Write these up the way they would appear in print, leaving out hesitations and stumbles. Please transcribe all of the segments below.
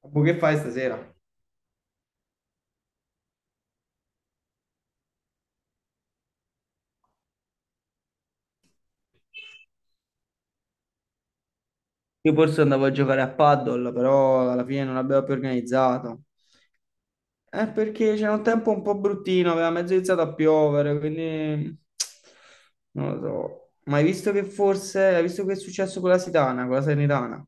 Boh, che fai stasera? Io forse andavo a giocare a paddle, però alla fine non l'abbiamo più organizzato. Perché c'era un tempo un po' bruttino, aveva mezzo iniziato a piovere, quindi non lo so. Ma hai visto che forse, hai visto che è successo con la Sitana, con la Salernitana,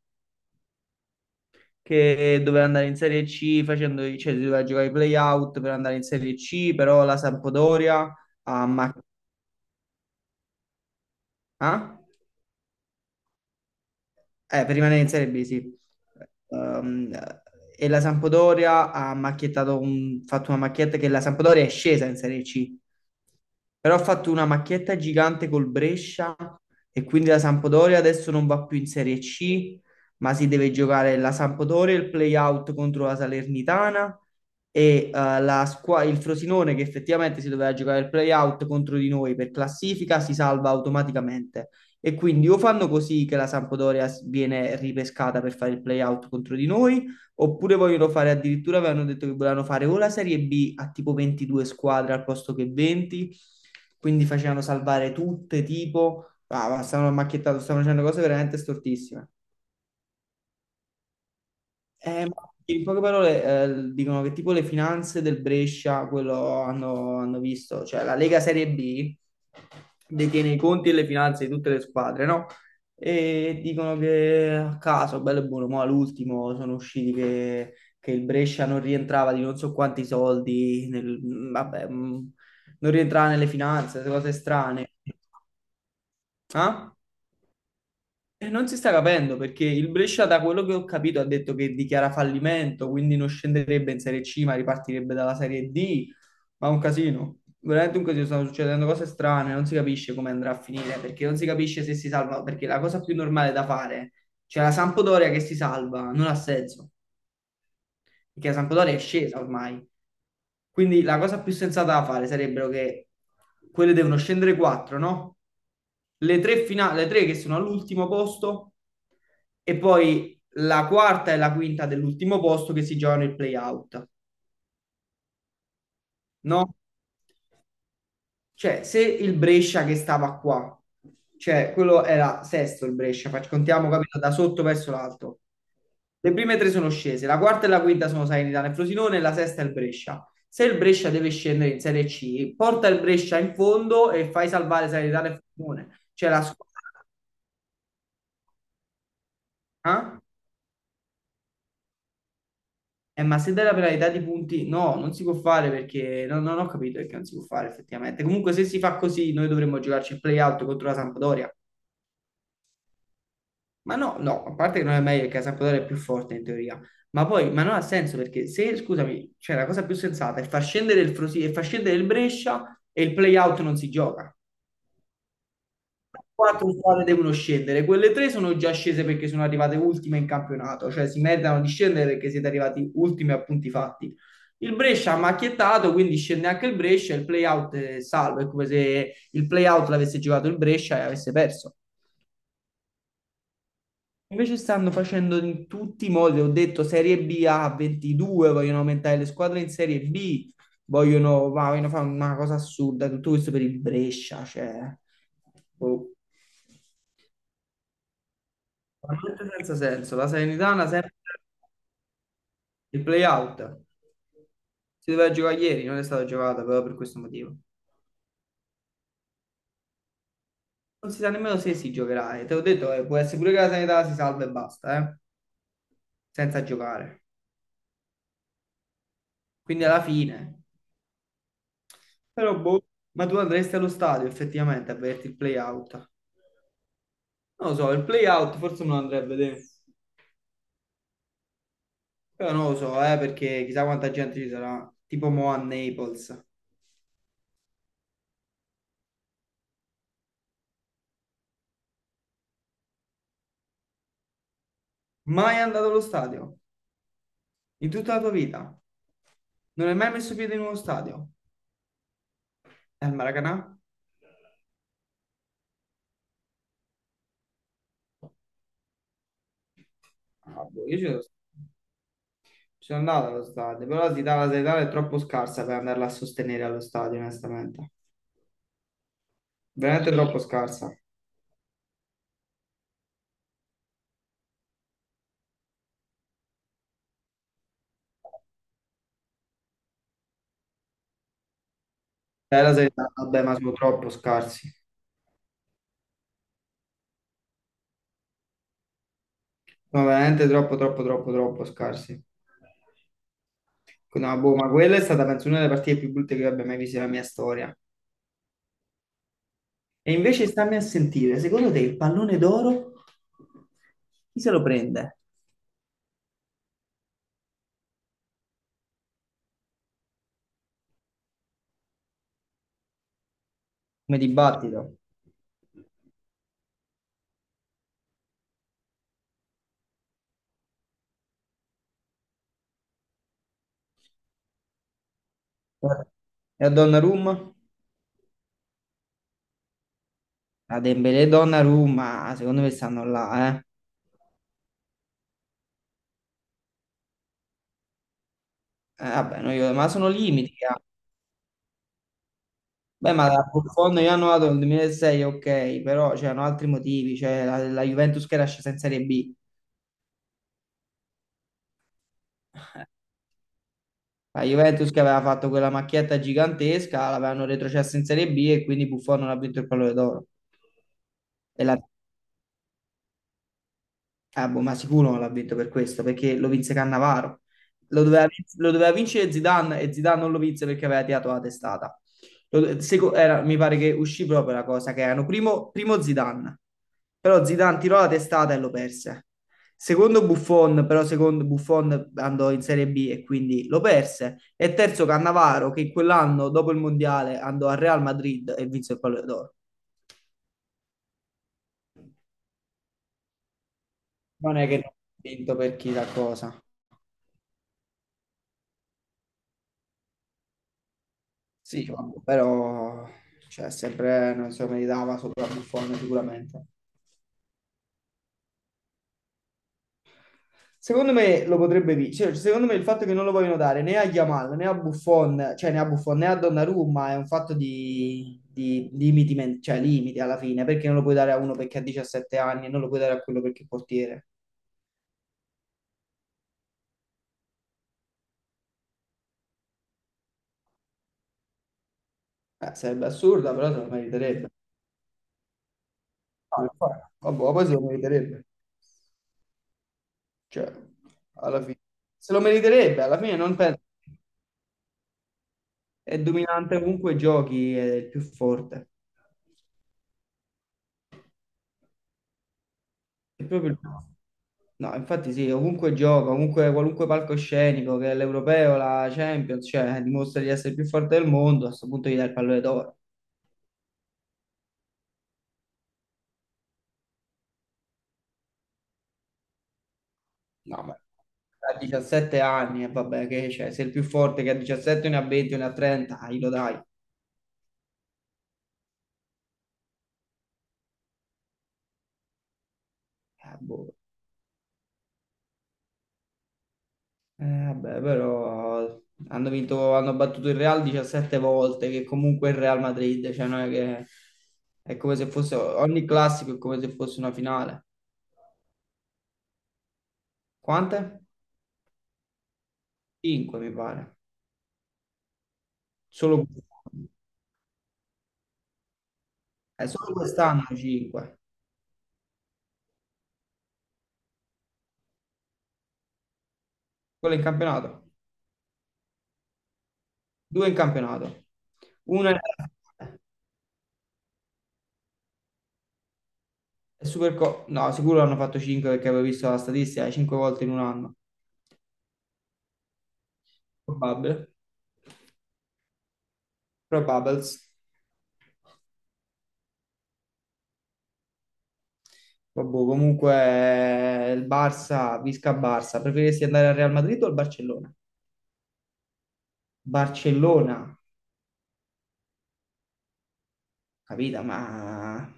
che doveva andare in Serie C facendo, cioè si doveva giocare i play-out per andare in Serie C, però la Sampdoria ha ammaccato. Per rimanere in Serie B, sì. Ehm, e la Sampdoria ha macchiettato fatto una macchietta che la Sampdoria è scesa in Serie C, però ha fatto una macchietta gigante col Brescia e quindi la Sampdoria adesso non va più in Serie C, ma si deve giocare la Sampdoria, il play-out contro la Salernitana e il Frosinone che effettivamente si doveva giocare il play-out contro di noi per classifica si salva automaticamente. E quindi o fanno così che la Sampdoria viene ripescata per fare il play-out contro di noi, oppure vogliono fare addirittura, avevano detto che volevano fare o la Serie B a tipo 22 squadre al posto che 20, quindi facevano salvare tutte, tipo, ah, ma stavano macchiettando, stavano facendo cose veramente stortissime. Ma in poche parole, dicono che tipo le finanze del Brescia, quello hanno, hanno visto, cioè la Lega Serie B detiene i conti e le finanze di tutte le squadre, no? E dicono che a caso, bello e buono, ma all'ultimo sono usciti che il Brescia non rientrava di non so quanti soldi, vabbè, non rientrava nelle finanze, queste cose strane. Ah? E non si sta capendo perché il Brescia, da quello che ho capito, ha detto che dichiara fallimento, quindi non scenderebbe in Serie C, ma ripartirebbe dalla Serie D. Ma è un casino, veramente un casino. Stanno succedendo cose strane, non si capisce come andrà a finire perché non si capisce se si salva. Perché la cosa più normale da fare, cioè la Sampdoria che si salva, non ha senso perché San Podore è scesa ormai. Quindi la cosa più sensata da fare sarebbero che quelle devono scendere quattro, no? Le tre, le tre che sono all'ultimo posto e poi la quarta e la quinta dell'ultimo posto che si giocano il play-out, no? Cioè, se il Brescia che stava qua, cioè quello era sesto il Brescia, contiamo, capito, da sotto verso l'alto. Le prime tre sono scese, la quarta e la quinta sono Salernitana e Frosinone, la sesta è il Brescia. Se il Brescia deve scendere in Serie C, porta il Brescia in fondo e fai salvare Salernitana e Frosinone. Cioè la squadra... eh? Ma se dai la penalità di punti, no, non si può fare perché no, no, non ho capito perché non si può fare effettivamente. Comunque, se si fa così, noi dovremmo giocarci il play-out contro la Sampdoria. Ma no, no, a parte che non è meglio perché la Sampdoria è più forte in teoria, ma poi, ma non ha senso perché se, scusami, cioè la cosa più sensata è far scendere il Frosinone e far scendere il Brescia e il play-out non si gioca. Quattro squadre devono scendere, quelle tre sono già scese perché sono arrivate ultime in campionato, cioè si meritano di scendere perché siete arrivati ultimi a punti fatti. Il Brescia ha macchiettato, quindi scende anche il Brescia, il play-out è salvo, è come se il play-out l'avesse giocato il Brescia e avesse perso. Invece stanno facendo in tutti i modi, ho detto Serie B a 22, vogliono aumentare le squadre in Serie B, vogliono, ma vogliono fare una cosa assurda, tutto questo per il Brescia, cioè, boh, veramente senza senso. La Salernitana sempre il play-out, si doveva giocare ieri, non è stata giocata proprio per questo motivo. Non si sa nemmeno se si giocherà, e te l'ho detto, può essere pure che la Salernitana si salva e basta, senza giocare. Quindi alla fine... Però boh, ma tu andresti allo stadio effettivamente a vederti il play out? Non lo so, il play out forse me lo andrei a vedere. Però non lo so, perché chissà quanta gente ci sarà. Tipo mo a Naples. Mai andato allo stadio? In tutta la tua vita? Non hai mai messo piede in uno stadio? E al Maracanà? Ah, boh, io ci sono andato allo stadio, però la città, la sanità è troppo scarsa per andarla a sostenere allo stadio, onestamente. Veramente troppo scarsa. La sanità, vabbè, ma sono troppo scarsi. No, veramente troppo, troppo, troppo, troppo scarsi. No, boh, ma quella è stata, penso, una delle partite più brutte che io abbia mai visto nella mia storia. E invece stammi a sentire, secondo te il pallone d'oro chi se lo prende? Come dibattito. Eh, E a Donnarumma? A Dembélé e Donnarumma, secondo me stanno là, eh. Vabbè, no, ma sono limiti. Eh. Beh, ma da Buffon io hanno dato nel 2006, ok, però c'erano altri motivi, cioè la Juventus che era scesa in Serie B, la Juventus che aveva fatto quella macchietta gigantesca, l'avevano retrocessa in Serie B e quindi Buffon non ha vinto il pallone d'oro. E la Ah, boh, ma sicuro non l'ha vinto per questo, perché lo vinse Cannavaro. Lo doveva, lo doveva vincere Zidane e Zidane non lo vinse perché aveva tirato la testata. Mi pare che uscì proprio la cosa che erano primo, primo Zidane, però Zidane tirò la testata e lo perse. Secondo Buffon, però secondo Buffon andò in Serie B e quindi lo perse. E terzo Cannavaro che quell'anno dopo il Mondiale andò al Real Madrid e vinse il Pallone d'Oro. Non è che non ha vinto per chissà cosa. Sì, vabbè, però cioè, sempre non si meritava sopra Buffon sicuramente. Secondo me lo potrebbe vincere. Secondo me il fatto che non lo vogliono dare né a Yamal né a Buffon, cioè né a Buffon né a Donnarumma è un fatto di limiti, cioè limiti alla fine, perché non lo puoi dare a uno perché ha 17 anni e non lo puoi dare a quello perché è portiere. Sarebbe assurda, però se lo meriterebbe. No, infatti. Vabbè, poi se lo meriterebbe. Cioè, alla fine. Se lo meriterebbe, alla fine non penso. È dominante ovunque giochi, è il più forte. È proprio il più... No, infatti sì, ovunque gioca, ovunque, qualunque palcoscenico, che è l'Europeo, la Champions, cioè dimostra di essere il più forte del mondo, a questo punto gli dai il pallone d'oro. No, beh. A 17 anni, e vabbè, che c'è? Se il più forte che a 17 ne ha 20, ne ha 30, ah, glielo dai. Boh. Vabbè, però hanno vinto, hanno battuto il Real 17 volte, che comunque è il Real Madrid, cioè non è che è come se fosse ogni classico è come se fosse una finale. Quante? 5 mi pare. Solo quest'anno, eh, solo quest'anno 5. Quello in campionato. Due in campionato. Una è Superco- No, sicuro hanno fatto 5 perché avevo visto la statistica, 5 volte in un anno. Probabile. Probables. Vabbè, comunque il Barça, Visca Barça, preferiresti andare al Real Madrid o al Barcellona? Barcellona, capito? Ma a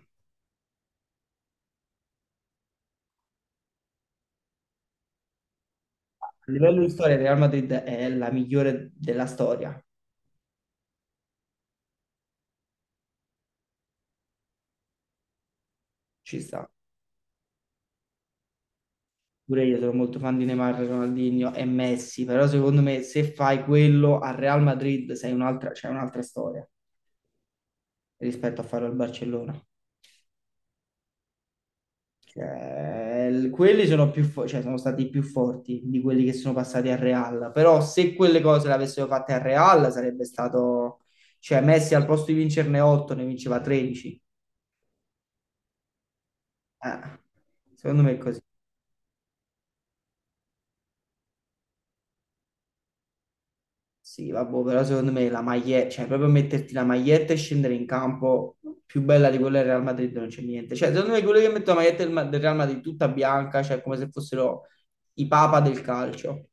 livello di storia il Real Madrid è la migliore della storia, ci sta. Pure io sono molto fan di Neymar, Ronaldinho e Messi, però secondo me se fai quello al Real Madrid sei un'altra, c'è un'altra storia rispetto a farlo al Barcellona. Cioè, quelli sono cioè, sono stati più forti di quelli che sono passati al Real. Però se quelle cose le avessero fatte al Real sarebbe stato... Cioè, Messi al posto di vincerne 8 ne vinceva 13. Eh, secondo me è così. Sì, vabbè, però secondo me la maglietta, cioè proprio metterti la maglietta e scendere in campo più bella di quella del Real Madrid non c'è niente. Cioè, secondo me quelli che mettono la maglietta del, del Real Madrid tutta bianca, cioè come se fossero i papa del calcio.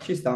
Ci sta.